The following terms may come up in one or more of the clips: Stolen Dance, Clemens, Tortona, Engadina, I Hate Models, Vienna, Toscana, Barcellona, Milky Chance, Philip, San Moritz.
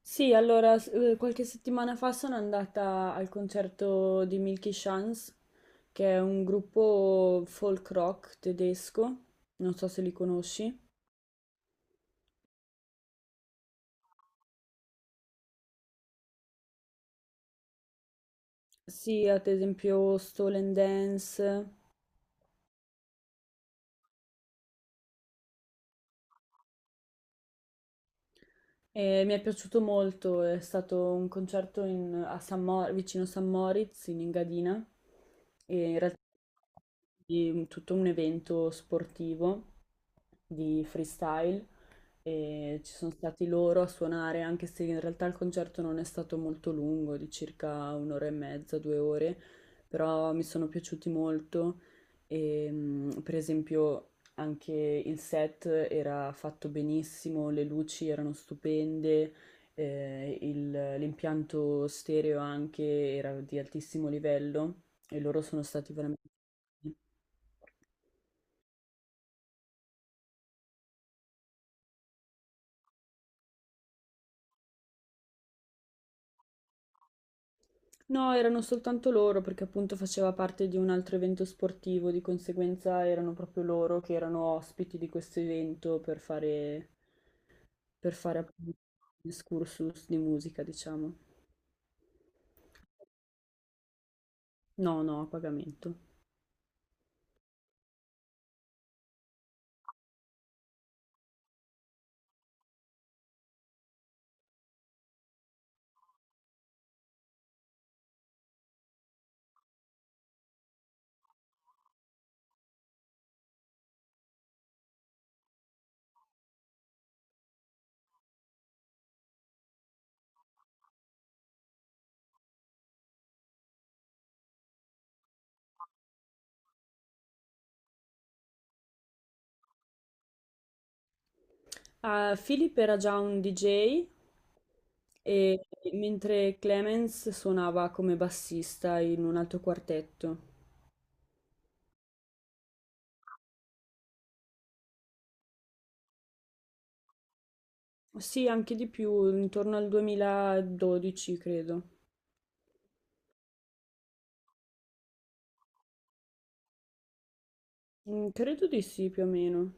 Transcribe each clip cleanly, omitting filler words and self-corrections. Qualche settimana fa sono andata al concerto di Milky Chance, che è un gruppo folk rock tedesco, non so se li conosci. Sì, ad esempio Stolen Dance. E mi è piaciuto molto, è stato un a vicino San Moritz, in Engadina, e in realtà di tutto un evento sportivo di freestyle, e ci sono stati loro a suonare, anche se in realtà il concerto non è stato molto lungo, di circa un'ora e mezza, due ore, però mi sono piaciuti molto. E per esempio anche il set era fatto benissimo, le luci erano stupende, l'impianto stereo anche era di altissimo livello, e loro sono stati veramente... No, erano soltanto loro perché appunto faceva parte di un altro evento sportivo, di conseguenza erano proprio loro che erano ospiti di questo evento per fare appunto un excursus di musica, diciamo. No, no, a pagamento. Ah, Philip era già un DJ, e mentre Clemens suonava come bassista in un altro quartetto. Sì, anche di più, intorno al 2012 credo. Mm, credo di sì, più o meno.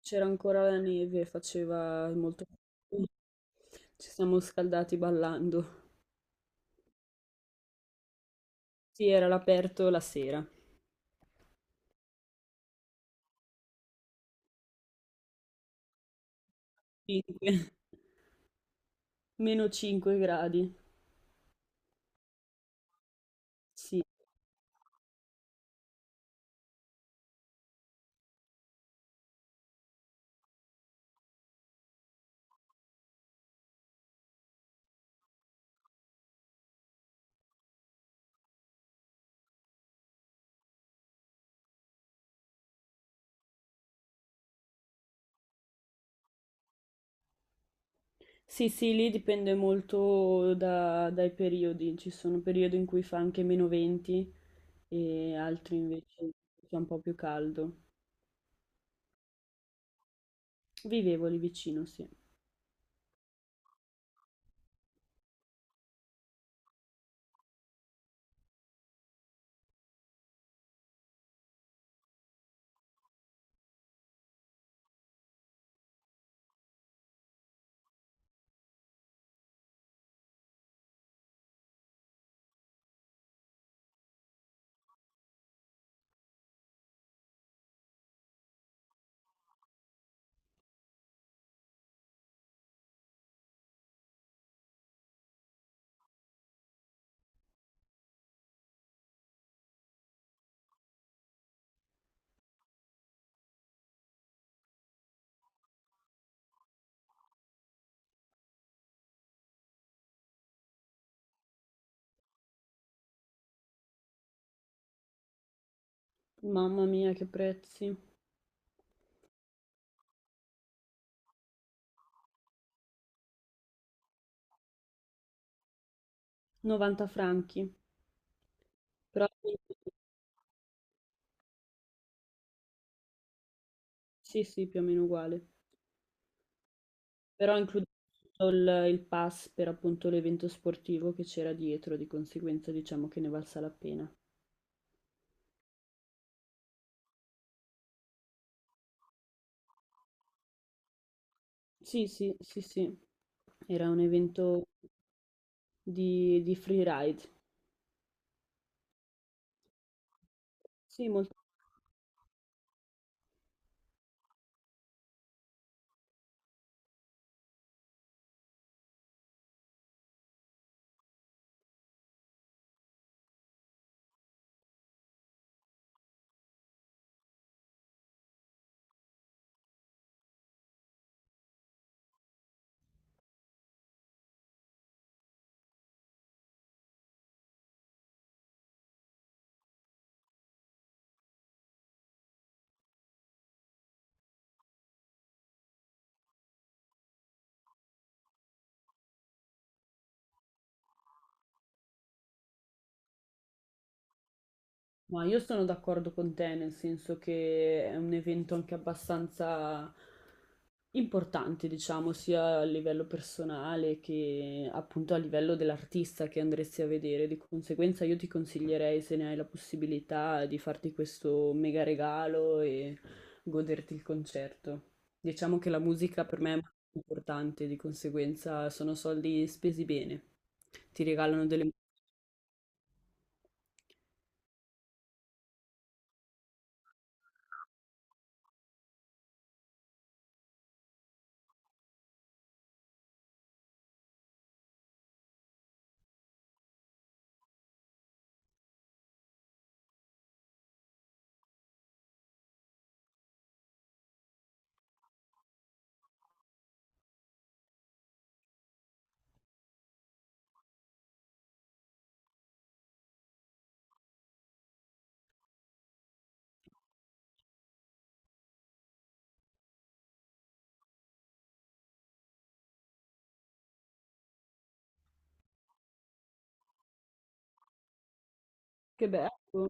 C'era ancora la neve, faceva molto freddo. Ci siamo scaldati ballando. Sì, era all'aperto la sera. 5, meno 5 gradi. Sì. Sì, sì, lì dipende molto dai periodi, ci sono periodi in cui fa anche meno 20 e altri invece in cui fa un po' più caldo. Vivevo lì vicino, sì. Mamma mia, che prezzi! 90 franchi, però sì, sì, più o meno uguale. Però include tutto il pass per appunto l'evento sportivo che c'era dietro, di conseguenza diciamo che ne valsa la pena. Sì, sì, sì, sì, era un evento di freeride. Sì, molto. Ma io sono d'accordo con te, nel senso che è un evento anche abbastanza importante, diciamo, sia a livello personale che appunto a livello dell'artista che andresti a vedere. Di conseguenza io ti consiglierei, se ne hai la possibilità, di farti questo mega regalo e goderti il concerto. Diciamo che la musica per me è molto importante, di conseguenza sono soldi spesi bene. Ti regalano delle... Che bello!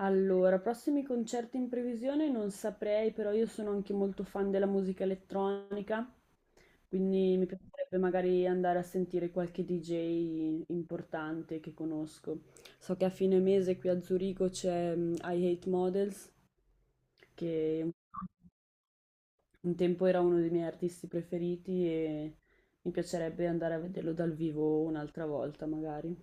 Allora, prossimi concerti in previsione non saprei, però io sono anche molto fan della musica elettronica, quindi mi piacerebbe magari andare a sentire qualche DJ importante che conosco. So che a fine mese qui a Zurigo c'è I Hate Models, che un tempo era uno dei miei artisti preferiti, e mi piacerebbe andare a vederlo dal vivo un'altra volta magari.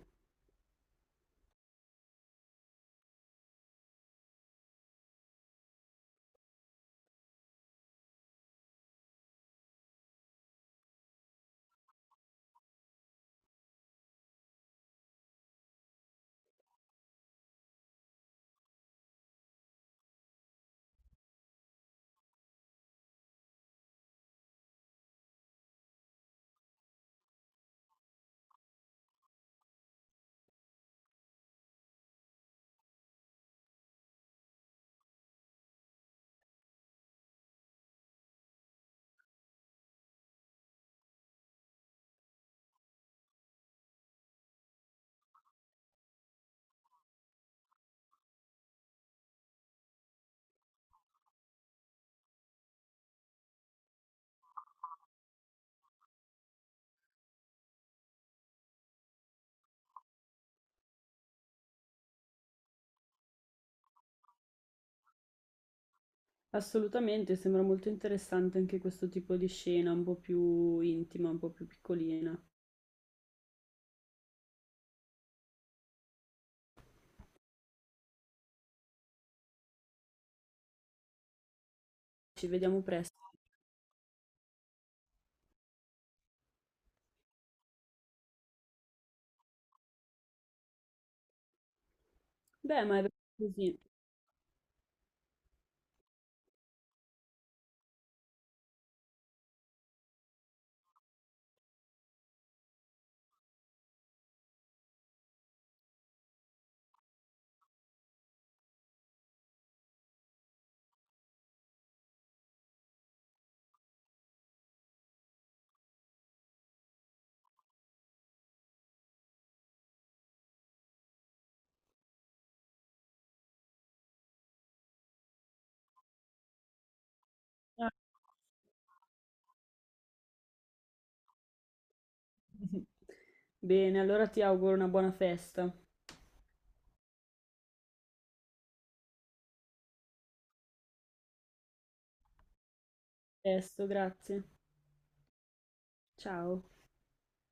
Assolutamente, sembra molto interessante anche questo tipo di scena, un po' più intima, un po' più piccolina. Ci vediamo presto. Beh, ma è vero così. Ah. Bene, allora ti auguro una buona festa. Presto, grazie. Ciao.